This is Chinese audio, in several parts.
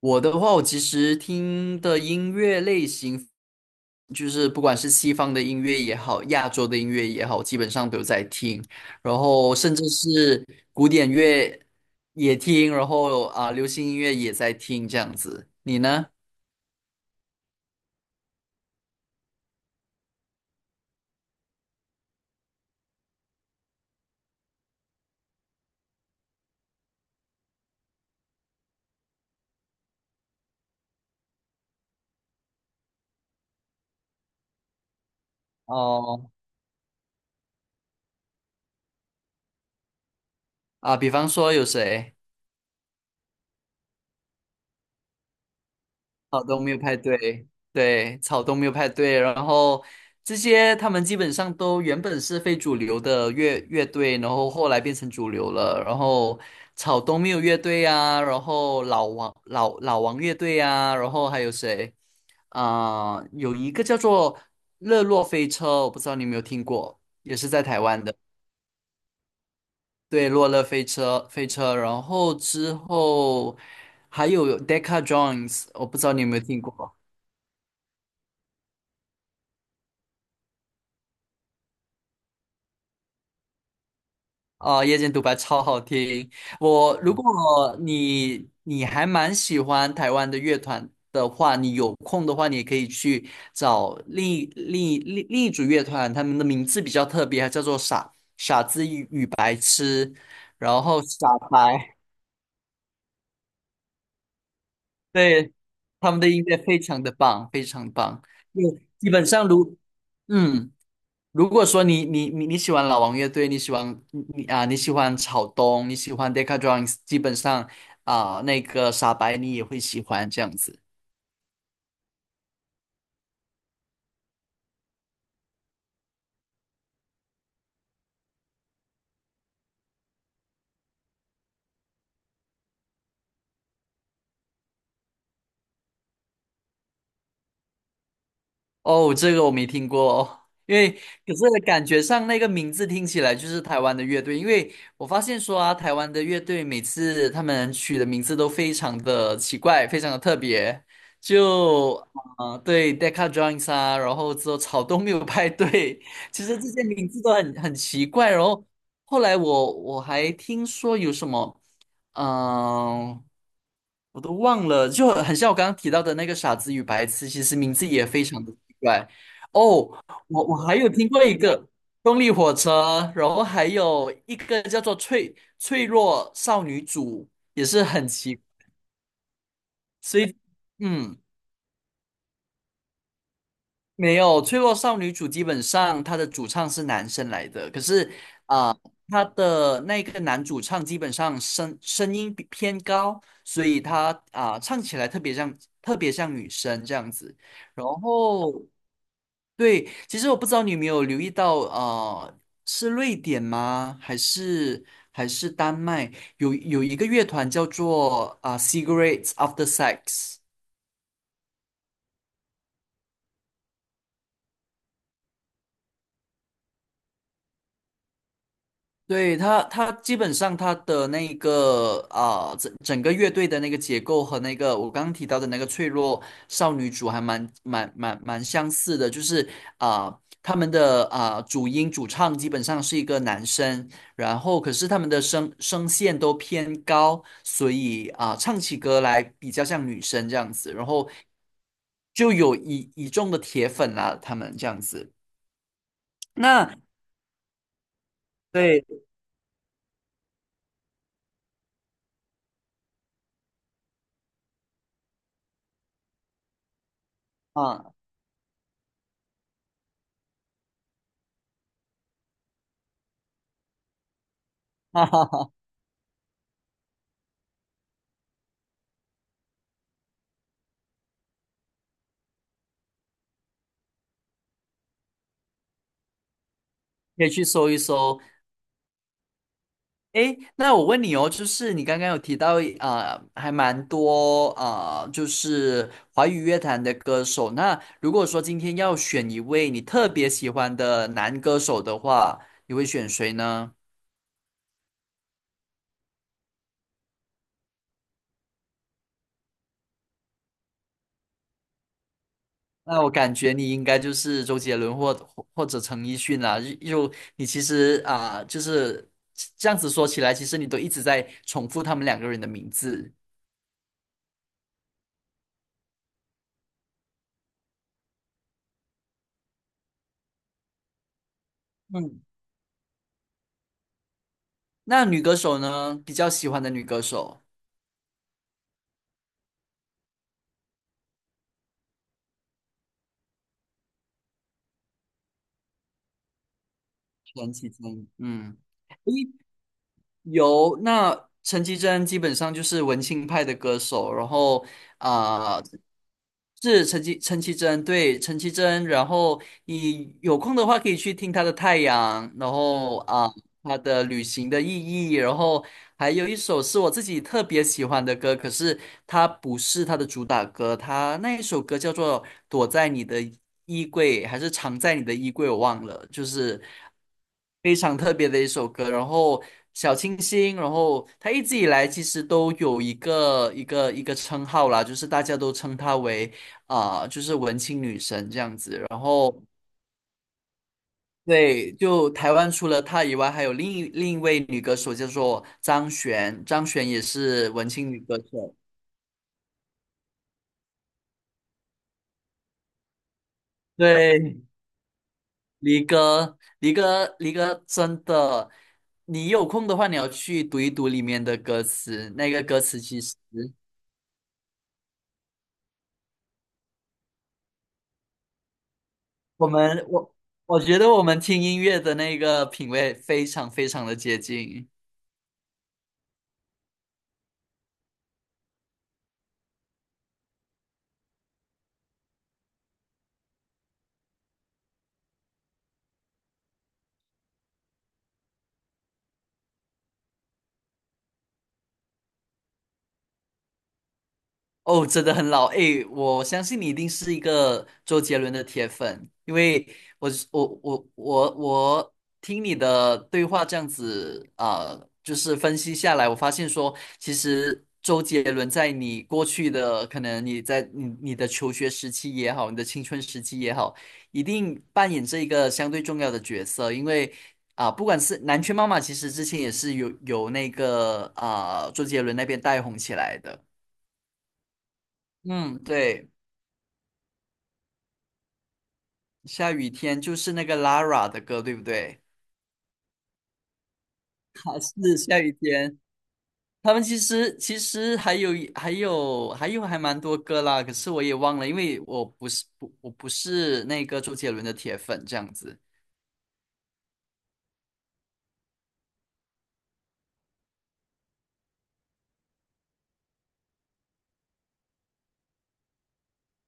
我的话，我其实听的音乐类型，就是不管是西方的音乐也好，亚洲的音乐也好，基本上都有在听。然后甚至是古典乐也听，然后啊，流行音乐也在听，这样子。你呢？哦，啊，比方说有谁？草东没有派对，对，草东没有派对，然后这些他们基本上都原本是非主流的乐队，然后后来变成主流了，然后草东没有乐队啊，然后老王乐队啊，然后还有谁有一个叫做乐洛飞车，我不知道你有没有听过，也是在台湾的，对，落乐飞车，然后之后还有 Decca Jones，我不知道你有没有听过。哦，夜间独白超好听。我如果你还蛮喜欢台湾的乐团的话，你有空的话，你也可以去找另一组乐团，他们的名字比较特别，叫做傻子与白痴，然后傻白，对，他们的音乐非常的棒，非常棒。就基本上如嗯。如果说你喜欢老王乐队，你喜欢草东，你喜欢 Decca d r u m n s 基本上那个傻白你也会喜欢这样子。哦，这个我没听过哦，可是感觉上那个名字听起来就是台湾的乐队，因为我发现说啊，台湾的乐队每次他们取的名字都非常的奇怪，非常的特别，就对，Deca Joins 啊，然后之后草东没有派对，其实这些名字都很奇怪，然后后来我还听说有什么，嗯、我都忘了，就很像我刚刚提到的那个《傻子与白痴》，其实名字也非常的奇怪。哦，我还有听过一个动力火车，然后还有一个叫做脆弱少女组，也是很奇，所以嗯。没有《脆弱少女主基本上她的主唱是男生来的，可是啊，她的那个男主唱基本上声音比偏高，所以他唱起来特别像女生这样子。然后对，其实我不知道你有没有留意到，是瑞典吗？还是丹麦？有一个乐团叫做Cigarettes After Sex》。对，他基本上他的那个整个乐队的那个结构和那个我刚刚提到的那个脆弱少女组还蛮相似的，就是啊，他们的主音主唱基本上是一个男生，然后可是他们的声线都偏高，所以啊，唱起歌来比较像女生这样子，然后就有一众的铁粉啦、他们这样子。那对啊，哈哈哈可以去搜一搜。诶，那我问你哦，就是你刚刚有提到还蛮多就是华语乐坛的歌手。那如果说今天要选一位你特别喜欢的男歌手的话，你会选谁呢？那我感觉你应该就是周杰伦或者陈奕迅啊。你其实就是这样子说起来，其实你都一直在重复他们两个人的名字。嗯，那女歌手呢？比较喜欢的女歌手。陈绮贞，嗯，诶，有，那陈绮贞基本上就是文青派的歌手，然后啊、呃是陈绮贞，对陈绮贞，然后你有空的话可以去听她的《太阳》，然后她的《旅行的意义》，然后还有一首是我自己特别喜欢的歌，可是它不是它的主打歌，它那一首歌叫做《躲在你的衣柜》还是《藏在你的衣柜》，我忘了，就是非常特别的一首歌。然后小清新，然后他一直以来其实都有一个称号啦，就是大家都称她为就是文青女神这样子。然后对，就台湾除了她以外，还有另一位女歌手叫做张悬，张悬也是文青女歌手。对，离歌，离歌，离歌，真的，你有空的话，你要去读一读里面的歌词。那个歌词其实我们我我觉得我们听音乐的那个品味非常非常的接近。哦，真的很老诶，我相信你一定是一个周杰伦的铁粉，因为我是我我我我听你的对话这样子就是分析下来，我发现说，其实周杰伦在你过去的可能你在你的求学时期也好，你的青春时期也好，一定扮演这一个相对重要的角色。啊，不管是南拳妈妈，其实之前也是有那个周杰伦那边带红起来的。嗯，对。下雨天就是那个 Lara 的歌，对不对？啊，是下雨天。他们其实还蛮多歌啦，可是我也忘了，因为我不是那个周杰伦的铁粉这样子，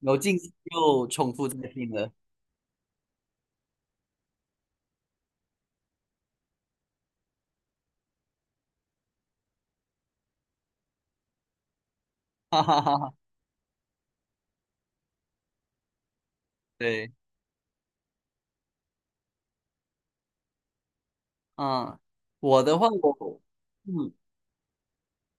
然后近期又重复在听了，哈哈哈哈。对，嗯，我的话我嗯。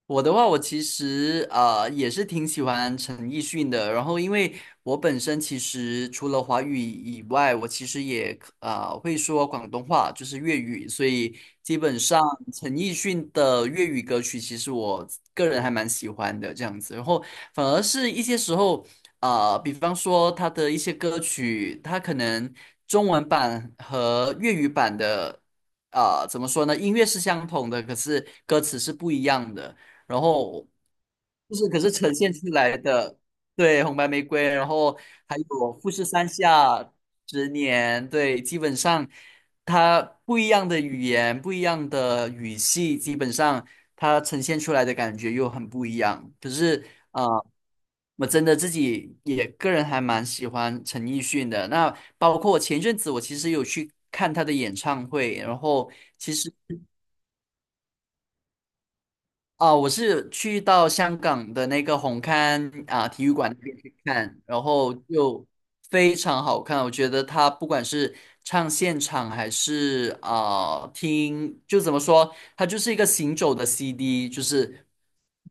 我的话，我其实也是挺喜欢陈奕迅的。然后，因为我本身其实除了华语以外，我其实也会说广东话，就是粤语。所以基本上陈奕迅的粤语歌曲，其实我个人还蛮喜欢的这样子。然后反而是一些时候，比方说他的一些歌曲，他可能中文版和粤语版的，怎么说呢？音乐是相同的，可是歌词是不一样的。然后就是可是呈现出来的，对，红白玫瑰，然后还有富士山下十年，对，基本上它不一样的语言，不一样的语气，基本上它呈现出来的感觉又很不一样。可是啊、呃我真的自己也个人还蛮喜欢陈奕迅的。那包括前阵子我其实有去看他的演唱会，然后其实。我是去到香港的那个红磡体育馆那边去看，然后就非常好看。我觉得他不管是唱现场还是听，就怎么说，它就是一个行走的 CD，就是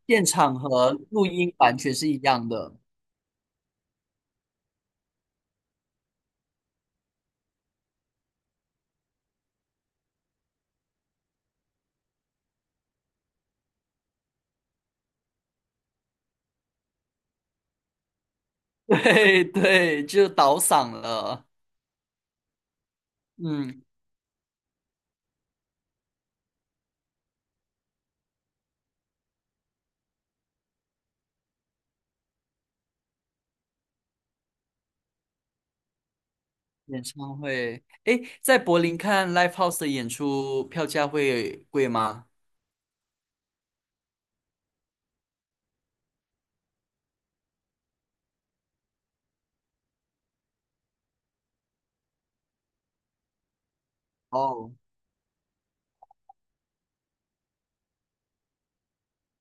现场和录音完全是一样的。对对，就倒嗓了。嗯，演唱会，诶，在柏林看 Live House 的演出票价会贵吗？哦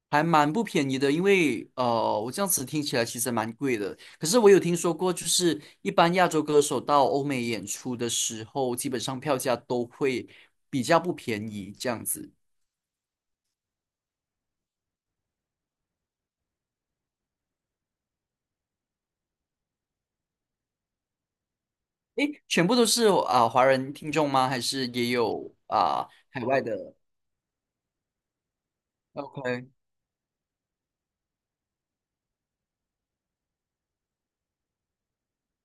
还蛮不便宜的，因为我这样子听起来其实蛮贵的。可是我有听说过，就是一般亚洲歌手到欧美演出的时候，基本上票价都会比较不便宜这样子。诶，全部都是华人听众吗？还是也有海外的？OK，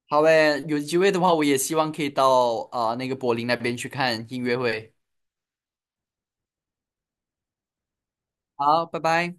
好诶，有机会的话，我也希望可以到那个柏林那边去看音乐会。好，拜拜。